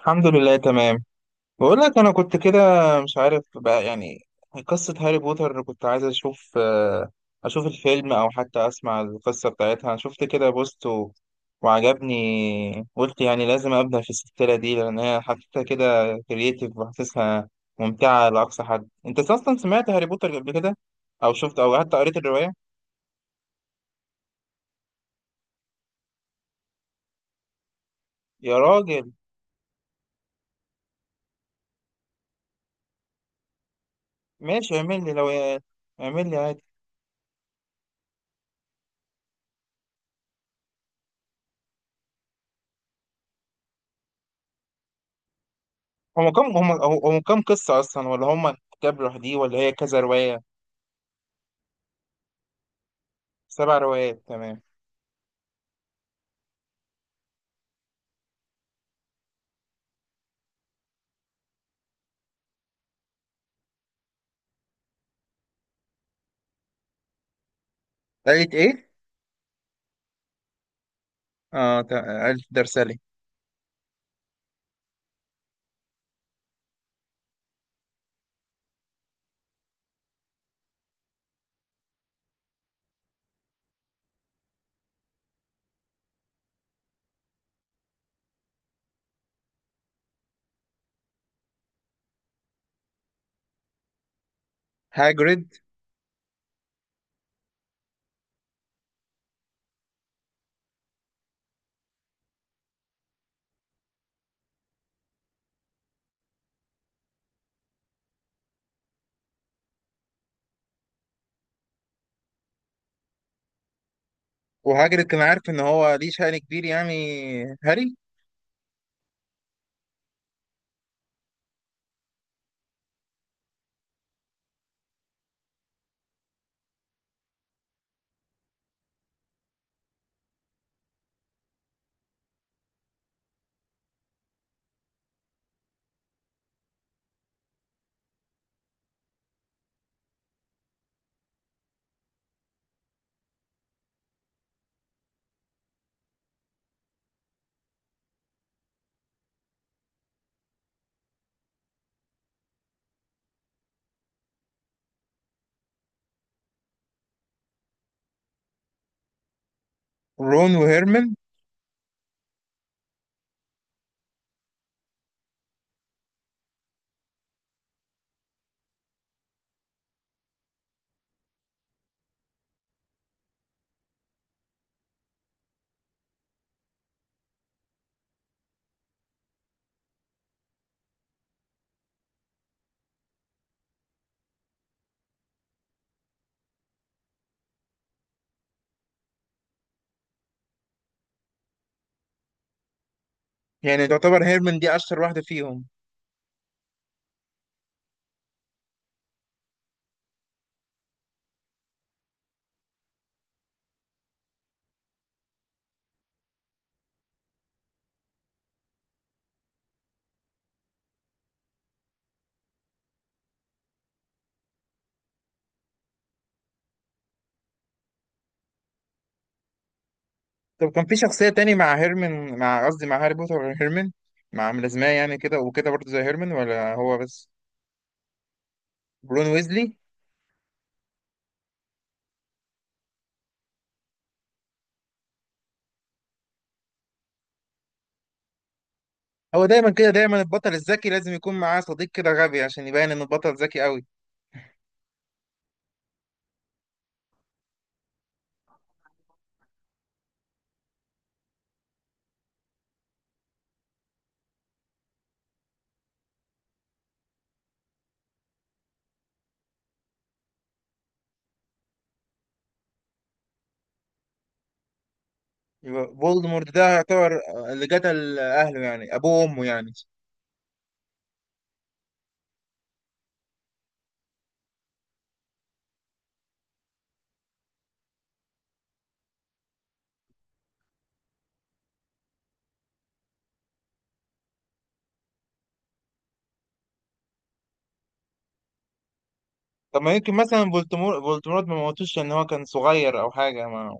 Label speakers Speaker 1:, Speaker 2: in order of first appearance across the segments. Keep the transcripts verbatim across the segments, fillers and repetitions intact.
Speaker 1: الحمد لله، تمام. بقول لك انا كنت كده، مش عارف بقى يعني. قصة هاري بوتر، كنت عايز اشوف آه، اشوف الفيلم او حتى اسمع القصة بتاعتها. شفت كده بوست و- وعجبني، قلت يعني لازم ابدا في السلسلة دي، لان هي حطيتها كده كرييتيف وحاسسها ممتعة لاقصى حد. انت اصلا سمعت هاري بوتر قبل كده او شفت او حتى قريت الرواية؟ يا راجل. ماشي، اعمل لي لو، اعمل لي. هم كم هم هم كم قصة أصلا؟ ولا هم كتاب لوحديه، ولا هي كذا رواية؟ سبع روايات، تمام. قالت إيه؟ آه، تا- ألف درسالي. هاجريد. وهاجريد كان عارف إن هو ليه شأن كبير يعني؟ هاري. رون وهيرمن. يعني تعتبر هيرمن دي أشهر واحدة فيهم؟ طب كان في شخصية تاني مع هيرمن، مع قصدي، مع هاري بوتر غير هيرمن، مع ملازماه يعني كده وكده برضه زي هيرمن ولا هو بس؟ برون ويزلي. هو دايما كده، دايما البطل الذكي لازم يكون معاه صديق كده غبي عشان يبين إن البطل ذكي أوي. يبقى فولدمورت ده يعتبر اللي قتل اهله، يعني ابوه وامه يعني. طب ما يمكن مثلا فولتمور فولتمورت ما موتوش ان هو كان صغير او حاجه ما؟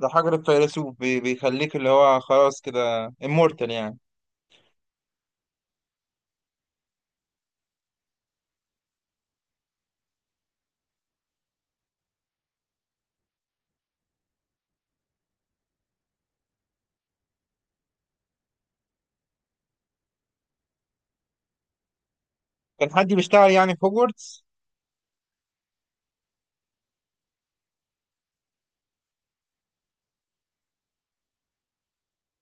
Speaker 1: ده حجر الفيلسوف بي- بيخليك اللي هو خلاص كده امورتال يعني. كان حد بيشتغل يعني في هوجورتس؟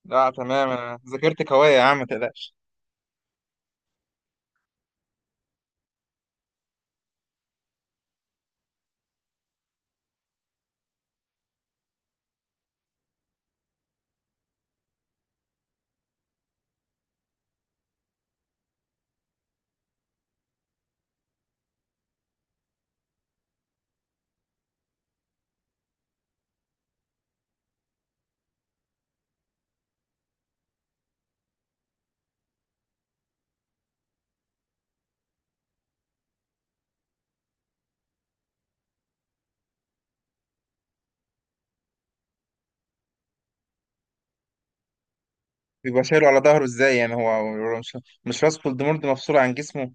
Speaker 1: لا، تمام، انا ذاكرتك قويه يا عم، ما تقلقش. بيبقى شايله على ظهره ازاي يعني؟ هو هو مش مش راس فولدمورت مفصول عن جسمه.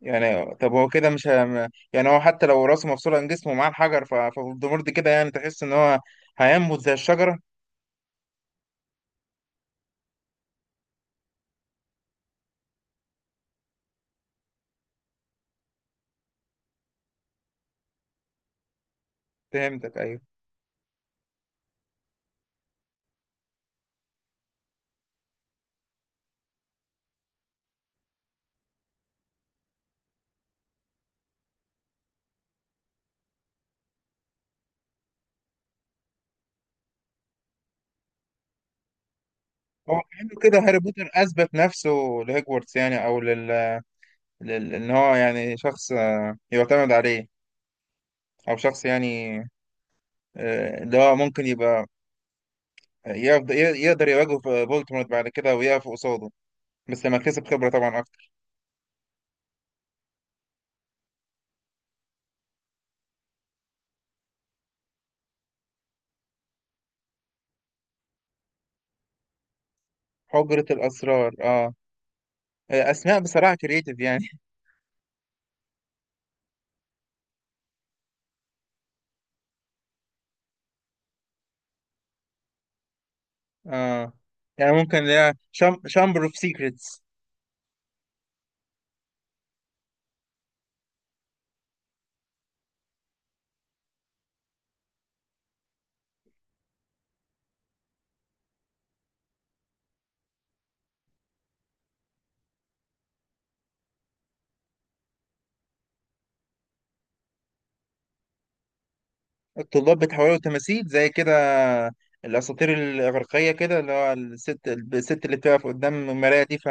Speaker 1: يعني طب هو كده مش، هم... يعني هو حتى لو راسه مفصول عن جسمه ومعاه الحجر، ف- ففولدمورت كده يعني تحس ان هو هينبت زي الشجره. فهمتك، ايوه. هو كأنه كده هاري بوتر اثبت نفسه. لهجورتس يعني، او لل... لل... ان هو يعني شخص، آه، يعتمد عليه. او شخص يعني، آه، اللي هو ممكن يبقى يقدر يقدر يواجه في فولتمورت بعد كده ويقف قصاده، بس لما كسب خبرة طبعا اكتر. حجرة الاسرار، اه. آه، اسماء بصراحة كريتيف يعني. اه. يعني ممكن اللي هي شامبر اوف سيكريتس. الطلاب بيتحولوا تماثيل زي كده الأساطير الإغريقية كده، اللي هو الست الست اللي بتقف قدام المراية دي ف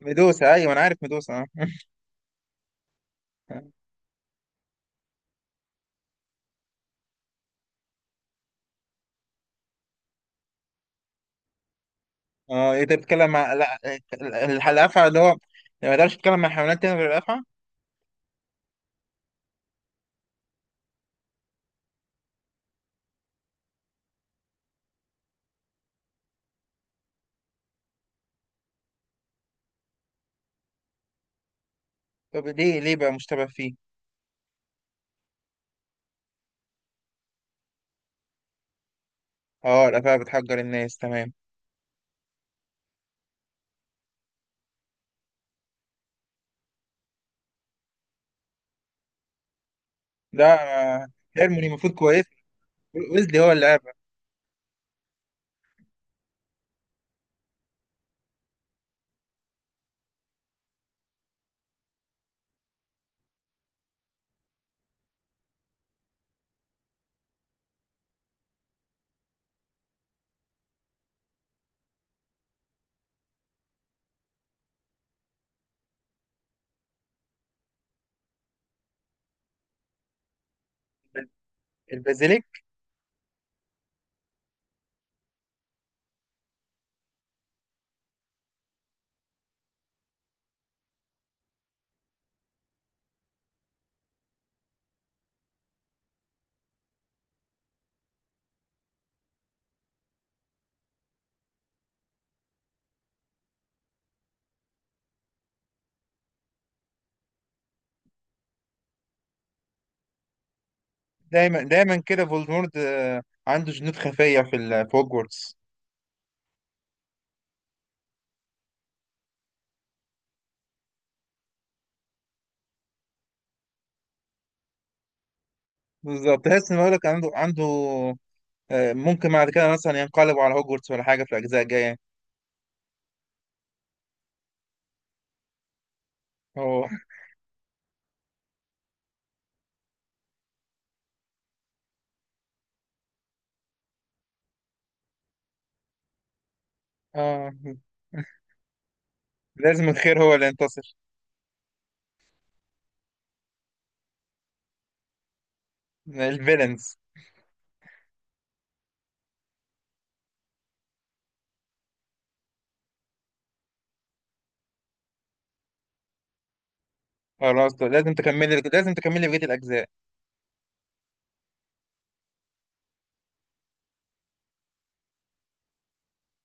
Speaker 1: ميدوسا. أيوة، أنا عارف ميدوسا. أه. أه، أنت بتتكلم مع، لا، ال- الأفعى؟ اللي هو ما يقدرش يتكلم مع حيوانات تانية غير الأفعى؟ طب ليه ليه بقى مشتبه فيه؟ أه، الأفعى بتحجر الناس، تمام. ده، آه، هيرموني المفروض كويس، ويزلي هو اللي عارف. البازيليك. دايما دايما كده فولدمورت، آه، عنده جنود خفية في ال- في هوجورتس. بالظبط، تحس إن هو لك عنده، عنده آه، ممكن بعد كده مثلا ينقلبوا على هوجورتس ولا حاجة في الأجزاء الجاية؟ هو. آه، لازم الخير هو اللي ينتصر. الفيلنز. خلاص، لازم تكملي لازم تكملي بقية الأجزاء.